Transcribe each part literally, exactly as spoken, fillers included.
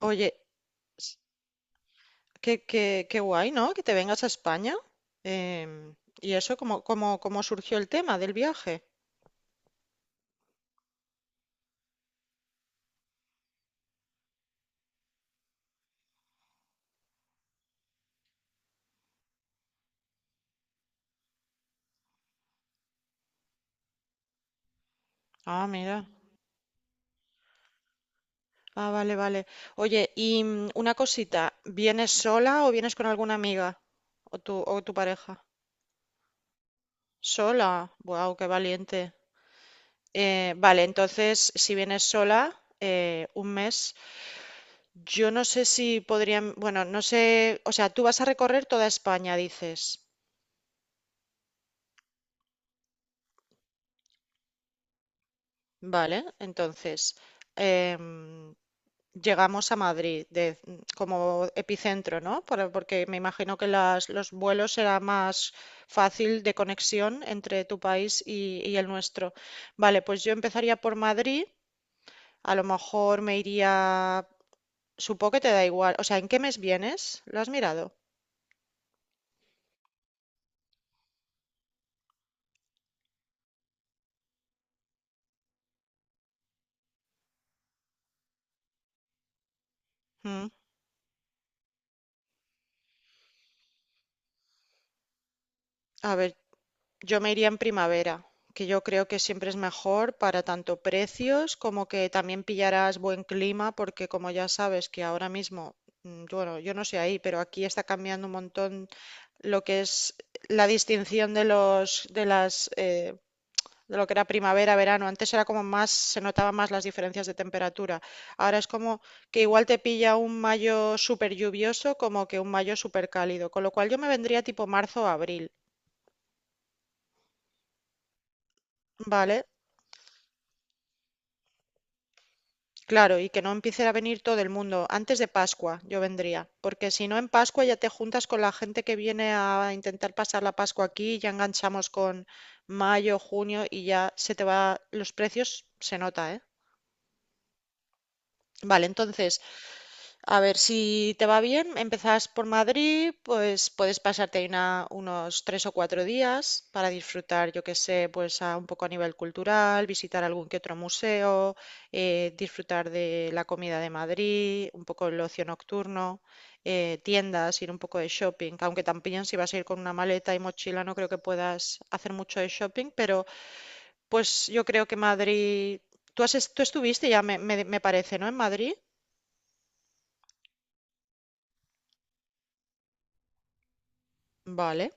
Oye, s- qué, qué, qué guay, ¿no? Que te vengas a España. Em, ¿Y eso cómo, cómo, cómo surgió el tema del viaje? Ah, mira. Ah, vale, vale. Oye, y mm, una cosita, ¿vienes sola o vienes con alguna amiga? ¿O tu, o tu pareja? Sola. Wow, qué valiente. Eh, vale, entonces, si vienes sola, eh, un mes, yo no sé si podrían, bueno, no sé, o sea, tú vas a recorrer toda España, dices. Vale, entonces, em, llegamos a Madrid de- como epicentro, ¿no? Por- Porque me imagino que las, los vuelos será más fácil de conexión entre tu país y, y el nuestro. Vale, pues yo empezaría por Madrid. A lo mejor me iría... Supongo que te da igual. O sea, ¿en qué mes vienes? ¿Lo has mirado? Mm. A ver, yo me iría en primavera, que yo creo que siempre es mejor para tanto precios como que también pillarás buen clima, porque como ya sabes que ahora mismo, mm, bueno, yo no sé ahí, pero aquí está cambiando un montón lo que es la distinción de los, de las, eh, de lo que era primavera, verano. Antes era como más, se notaban más las diferencias de temperatura. Ahora es como que igual te pilla un mayo súper lluvioso como que un mayo súper cálido, con lo cual yo me vendría tipo marzo o abril. Vale, claro, y que no empiece a venir todo el mundo. Antes de Pascua yo vendría, porque si no en Pascua ya te juntas con la gente que viene a intentar pasar la Pascua aquí, ya enganchamos con mayo, junio y ya se te va los precios, se nota, ¿eh? Vale, entonces a ver, si te va bien, empezás por Madrid, pues puedes pasarte ahí una- unos tres o cuatro días para disfrutar, yo qué sé, pues a- un poco a nivel cultural, visitar algún que otro museo, eh, disfrutar de la comida de Madrid, un poco el ocio nocturno, eh, tiendas, ir un poco de shopping, aunque también si vas a ir con una maleta y mochila no creo que puedas hacer mucho de shopping, pero pues yo creo que Madrid, tú has, est- tú estuviste ya, me, me me parece, ¿no? En Madrid, vale.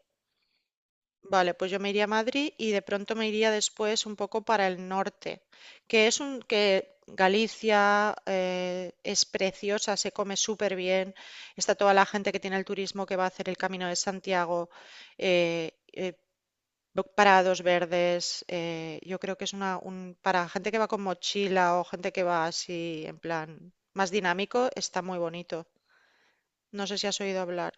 Vale, pues yo me iría a Madrid y de pronto me iría después un poco para el norte, que es un que Galicia eh, es preciosa, se come súper bien, está toda la gente que tiene el turismo que va a hacer el Camino de Santiago, eh, eh, bo- parados verdes, eh, yo creo que es una un, para gente que va con mochila o gente que va así en plan más dinámico, está muy bonito. No sé si has oído hablar.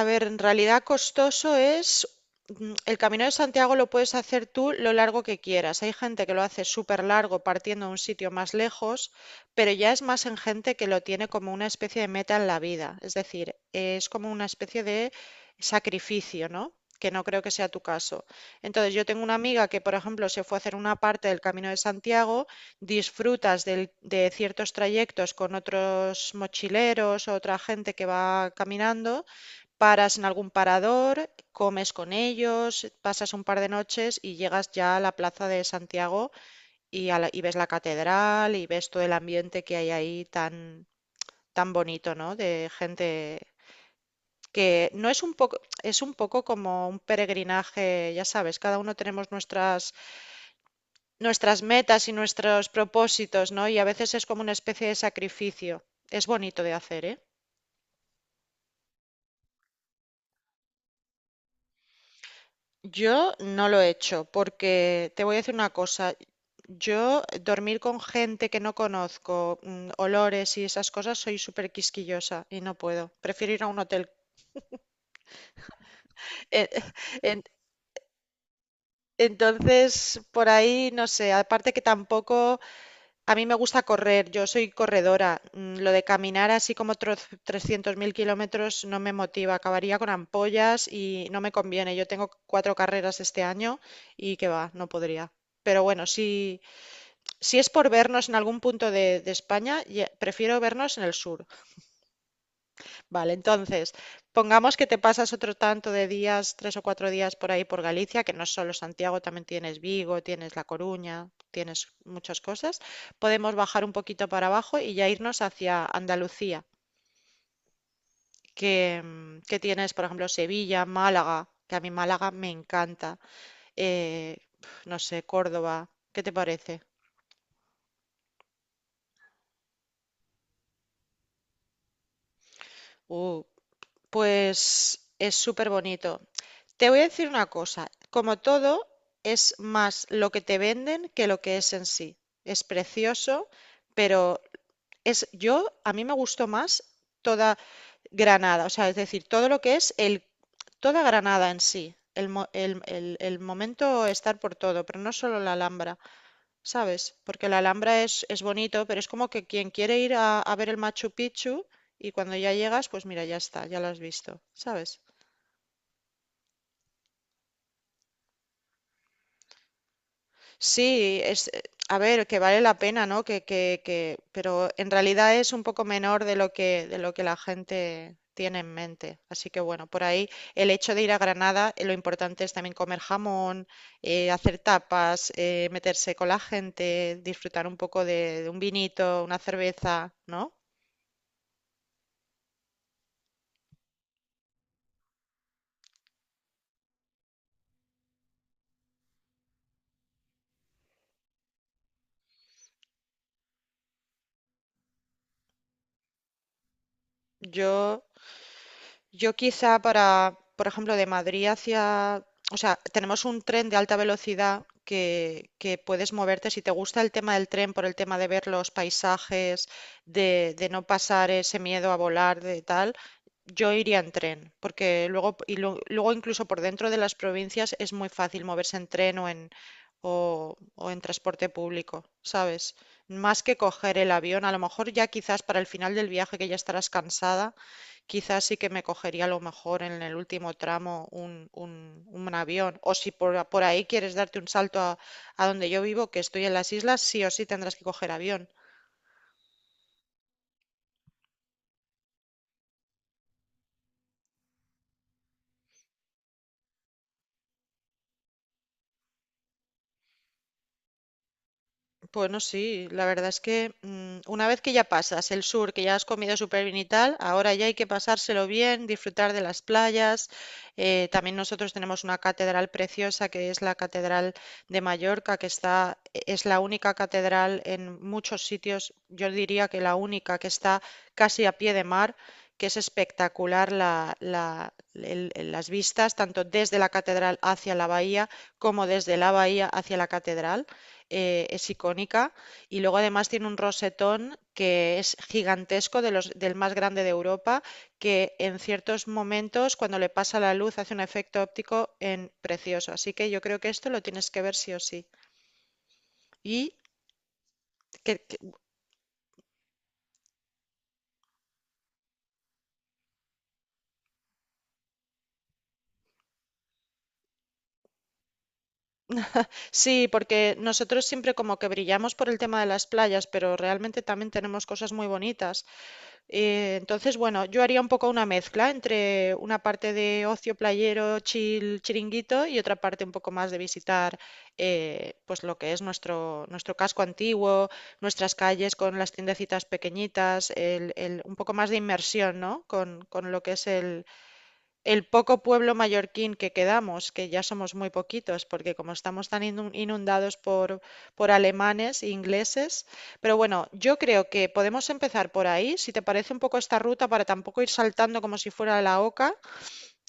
A ver, en realidad costoso es, mm, el Camino de Santiago lo puedes hacer tú lo largo que quieras. Hay gente que lo hace súper largo partiendo a un sitio más lejos, pero ya es más en gente que lo tiene como una especie de meta en la vida. Es decir, es como una especie de sacrificio, ¿no? Que no creo que sea tu caso. Entonces, yo tengo una amiga que, por ejemplo, se fue a hacer una parte del Camino de Santiago, disfrutas del- de ciertos trayectos con otros mochileros o otra gente que va caminando. Paras en algún parador, comes con ellos, pasas un par de noches y llegas ya a la plaza de Santiago y, a la- y ves la catedral y ves todo el ambiente que hay ahí tan, tan bonito, ¿no? De gente que no es un poco, es un poco como un peregrinaje, ya sabes, cada uno tenemos nuestras, nuestras metas y nuestros propósitos, ¿no? Y a veces es como una especie de sacrificio. Es bonito de hacer, ¿eh? Yo no lo he hecho porque te voy a decir una cosa, yo dormir con gente que no conozco, mm, olores y esas cosas, soy súper quisquillosa y no puedo, prefiero ir a un hotel. Eh, en- entonces, por ahí, no sé, aparte que tampoco, a mí me gusta correr, yo soy corredora, mm, lo de caminar así como tro- trescientos mil kilómetros no me motiva, acabaría con ampollas y no me conviene, yo tengo cuatro carreras este año y que va, no podría. Pero bueno, sí. Si es por vernos en algún punto de, de España, ye- prefiero vernos en el sur. Vale, entonces, pongamos que te pasas otro tanto de días, tres o cuatro días por ahí por Galicia, que no es solo Santiago, también tienes Vigo, tienes La Coruña, tienes muchas cosas. Podemos bajar un poquito para abajo y ya irnos hacia Andalucía, que, mm, que tienes, por ejemplo, Sevilla, Málaga, que a mí Málaga me encanta. eh, no sé, Córdoba, ¿qué te parece? Uh, pues es súper bonito. Te voy a decir una cosa, como todo, es más lo que te venden que lo que es en sí. Es precioso, pero es yo, a mí me gustó más toda Granada, o sea, es decir, todo lo que es el, toda Granada en sí, el, mo- el- el- el momento estar por todo, pero no solo la Alhambra, ¿sabes? Porque la Alhambra es, es bonito, pero es como que quien quiere ir a, a ver el Machu Picchu y cuando ya llegas, pues mira, ya está, ya lo has visto, ¿sabes? Sí, es, eh, a ver, que vale la pena, ¿no? Que, que, que, pero en realidad es un poco menor de lo que, de lo que la gente tiene en mente. Así que bueno, por ahí el hecho de ir a Granada, eh, lo importante es también comer jamón, eh, hacer tapas, eh, meterse con la gente, disfrutar un poco de, de un vinito, una cerveza, ¿no? Yo Yo quizá para, por ejemplo, de Madrid hacia, o sea, tenemos un tren de alta velocidad que, que puedes moverte. Si te gusta el tema del tren, por el tema de ver los paisajes, de, de no pasar ese miedo a volar, de tal, yo iría en tren, porque luego, y lo- luego incluso por dentro de las provincias es muy fácil moverse en tren o en, o, o en transporte público, ¿sabes? Más que coger el avión, a lo mejor ya quizás para el final del viaje que ya estarás cansada quizás sí que me cogería a lo mejor en el último tramo un, un- un avión. O si por, por ahí quieres darte un salto a, a donde yo vivo, que estoy en las islas, sí o sí tendrás que coger avión. Bueno, sí, la verdad es que mm, una vez que ya pasas el sur, que ya has comido súper bien y tal, ahora ya hay que pasárselo bien, disfrutar de las playas. Eh, también nosotros tenemos una catedral preciosa que es la Catedral de Mallorca, que está, e- es la única catedral en muchos sitios, yo diría que la única que está casi a pie de mar, que es espectacular la- la- el- el- las vistas, tanto desde la catedral hacia la bahía como desde la bahía hacia la catedral, eh, es icónica y luego además tiene un rosetón que es gigantesco, de los, del más grande de Europa, que en ciertos momentos cuando le pasa la luz hace un efecto óptico en precioso. Así que yo creo que esto lo tienes que ver sí o sí. Y que- que- sí, porque nosotros siempre como que brillamos por el tema de las playas, pero realmente también tenemos cosas muy bonitas. Eh, entonces, bueno, yo haría un poco una mezcla entre una parte de ocio playero, chill, chiringuito y otra parte un poco más de visitar eh, pues lo que es nuestro, nuestro casco antiguo, nuestras calles con las tiendecitas pequeñitas, el- el- un poco más de inmersión, ¿no? Con, con lo que es el, el poco pueblo mallorquín que quedamos, que ya somos muy poquitos, porque como estamos tan inu- inundados por, por alemanes e ingleses, pero bueno, yo creo que podemos empezar por ahí, si te parece un poco esta ruta, para tampoco ir saltando como si fuera la oca,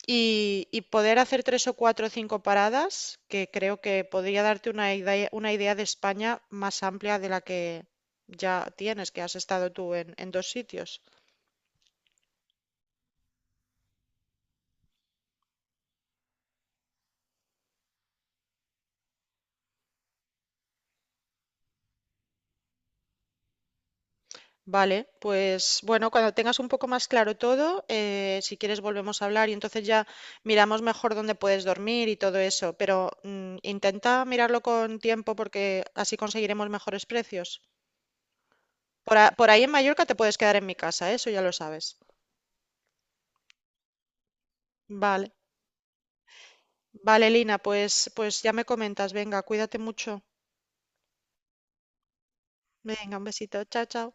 y, y poder hacer tres o cuatro o cinco paradas, que creo que podría darte una idea, una idea de España más amplia de la que ya tienes, que has estado tú en en dos sitios. Vale, pues bueno, cuando tengas un poco más claro todo, eh, si quieres volvemos a hablar y entonces ya miramos mejor dónde puedes dormir y todo eso, pero mm, intenta mirarlo con tiempo porque así conseguiremos mejores precios. Por, a- por ahí en Mallorca te puedes quedar en mi casa, ¿eh? Eso ya lo sabes. Vale, vale, Lina, pues, pues ya me comentas, venga, cuídate mucho. Venga, un besito, chao, chao.